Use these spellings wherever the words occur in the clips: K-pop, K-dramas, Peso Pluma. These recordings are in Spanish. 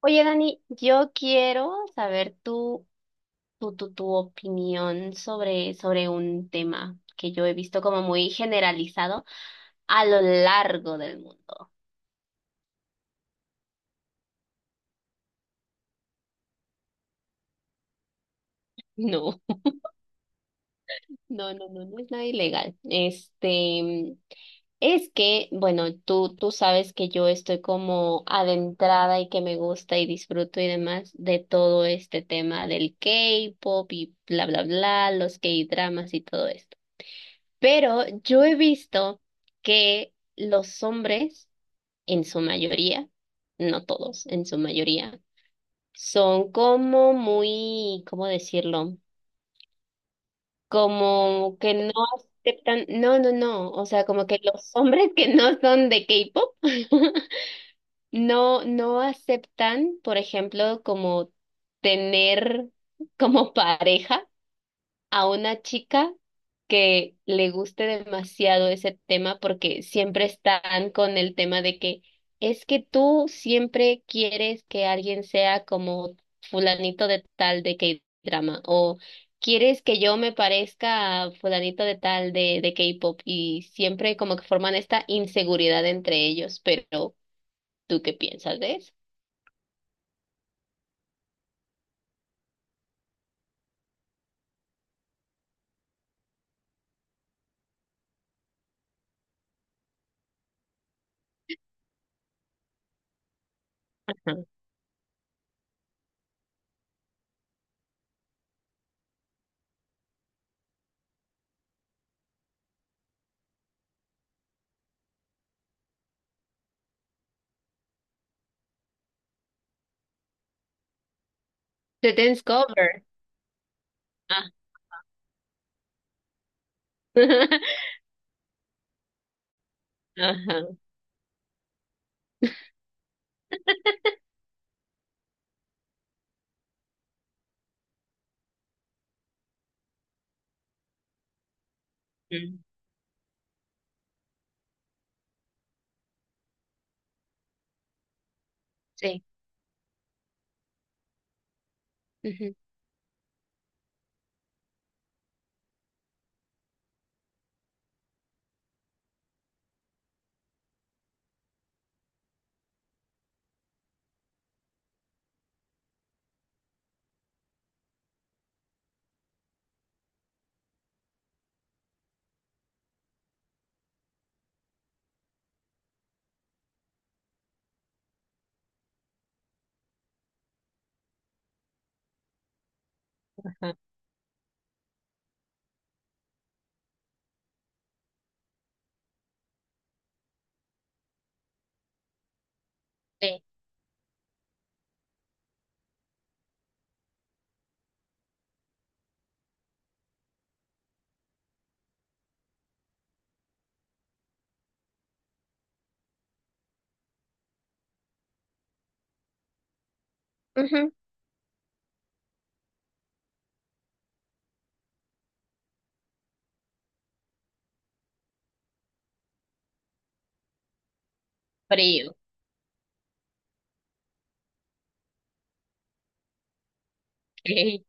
Oye, Dani, yo quiero saber tu opinión sobre un tema que yo he visto como muy generalizado a lo largo del mundo. No, no, no, no, no es nada ilegal. Este, es que, bueno, tú sabes que yo estoy como adentrada y que me gusta y disfruto y demás de todo este tema del K-pop y bla, bla, bla, los K-dramas y todo esto. Pero yo he visto que los hombres, en su mayoría, no todos, en su mayoría, son como muy, ¿cómo decirlo? Como que no aceptan, no, no, no, o sea, como que los hombres que no son de K-pop no, no aceptan, por ejemplo, como tener como pareja a una chica que le guste demasiado ese tema porque siempre están con el tema de que es que tú siempre quieres que alguien sea como fulanito de tal de K-drama o quieres que yo me parezca a fulanito de tal de K-pop y siempre como que forman esta inseguridad entre ellos, pero ¿tú qué piensas de eso? Ajá. The Dance Cover. Ah. Ajá. Mm. Sí. Ujú. Ajá. Sí. Ujú. Frío. Ok.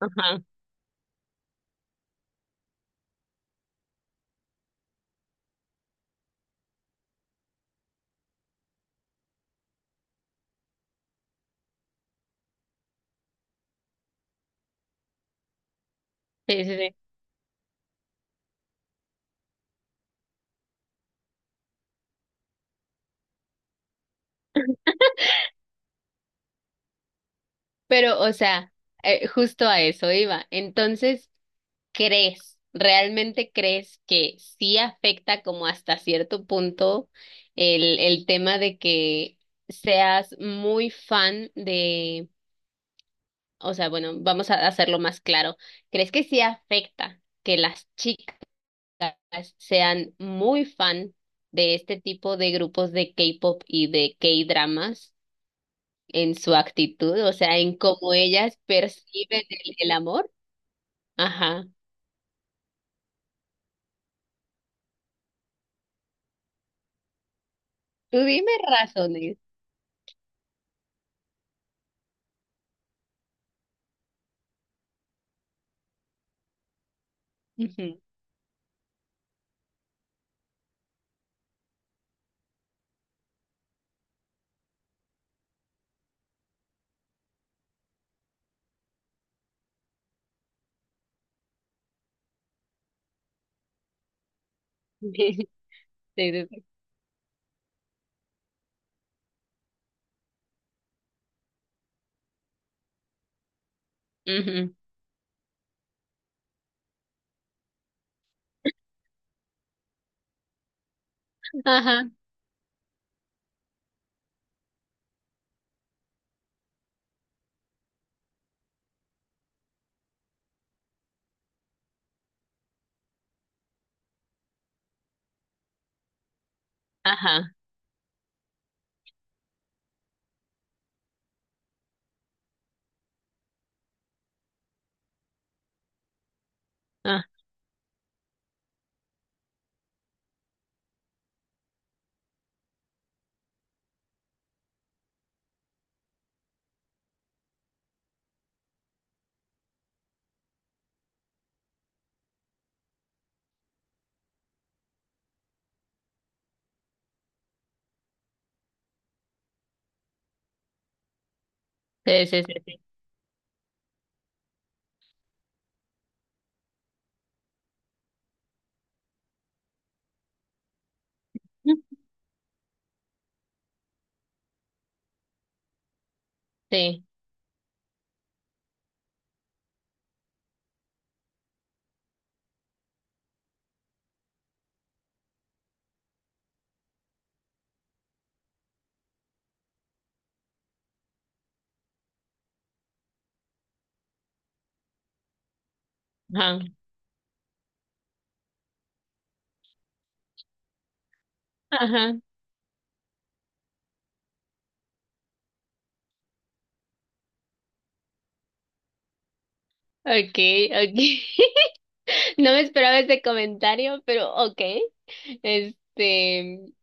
Ajá, sí, sí, sí. Pero, o sea, justo a eso iba. Entonces, ¿crees, realmente crees que sí afecta como hasta cierto punto el tema de que seas muy fan de, o sea, bueno, vamos a hacerlo más claro. ¿Crees que sí afecta que las chicas sean muy fan de este tipo de grupos de K-pop y de K-dramas? En su actitud, o sea, en cómo ellas perciben el amor. Ajá. Tú dime razones. Ujú. Sí, sí, sí. Ujú. Ajá, ajá. Ah, sí, sí, sí, sí. Ujú. Sí, ajá, ajá. Okay, okay. No me esperaba ese comentario, pero okay. Este,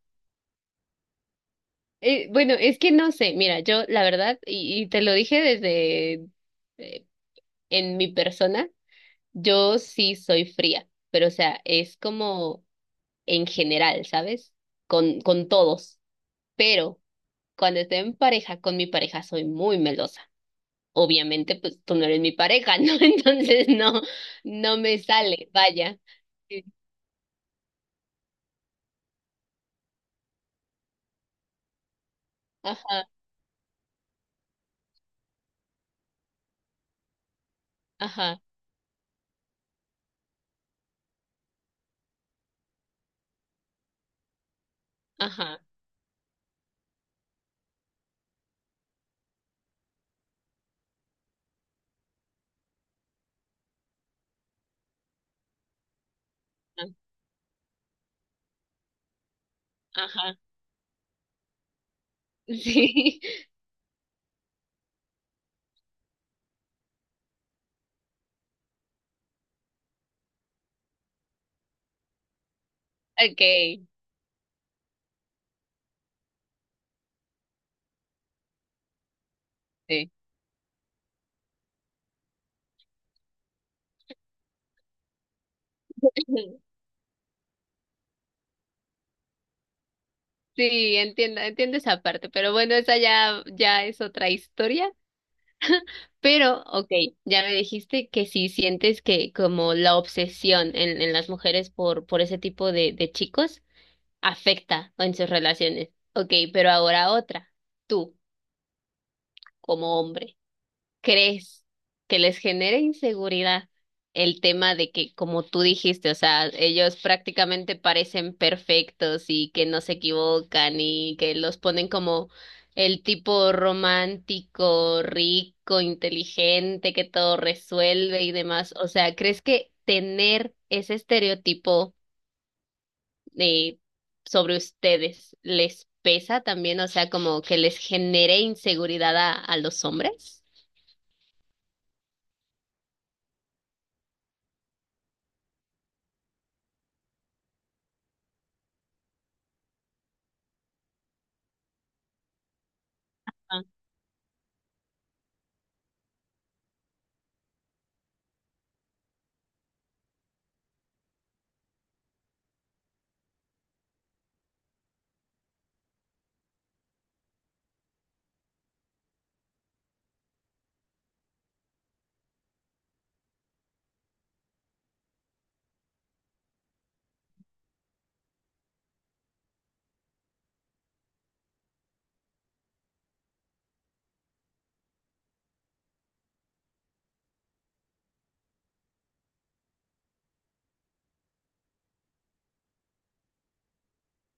bueno, es que no sé, mira, yo la verdad, y te lo dije desde eh, en mi persona. Yo sí soy fría, pero o sea, es como en general, ¿sabes? Con todos. Pero cuando estoy en pareja con mi pareja soy muy melosa. Obviamente, pues tú no eres mi pareja, ¿no? Entonces no me sale, vaya. Sí. Ajá, ajá, ajá, a- ajá. Sí, okay, sí. Sí, entiendo, entiendo esa parte, pero bueno, esa ya, ya es otra historia. Pero, ok, ya me dijiste que si sientes que como la obsesión en las mujeres por ese tipo de chicos afecta en sus relaciones. Ok, pero ahora otra, tú como hombre crees que les genere inseguridad el tema de que, como tú dijiste, o sea, ellos prácticamente parecen perfectos y que no se equivocan y que los ponen como el tipo romántico, rico, inteligente, que todo resuelve y demás. O sea, ¿crees que tener ese estereotipo eh, sobre ustedes les pesa también? O sea, ¿como que les genere inseguridad a los hombres?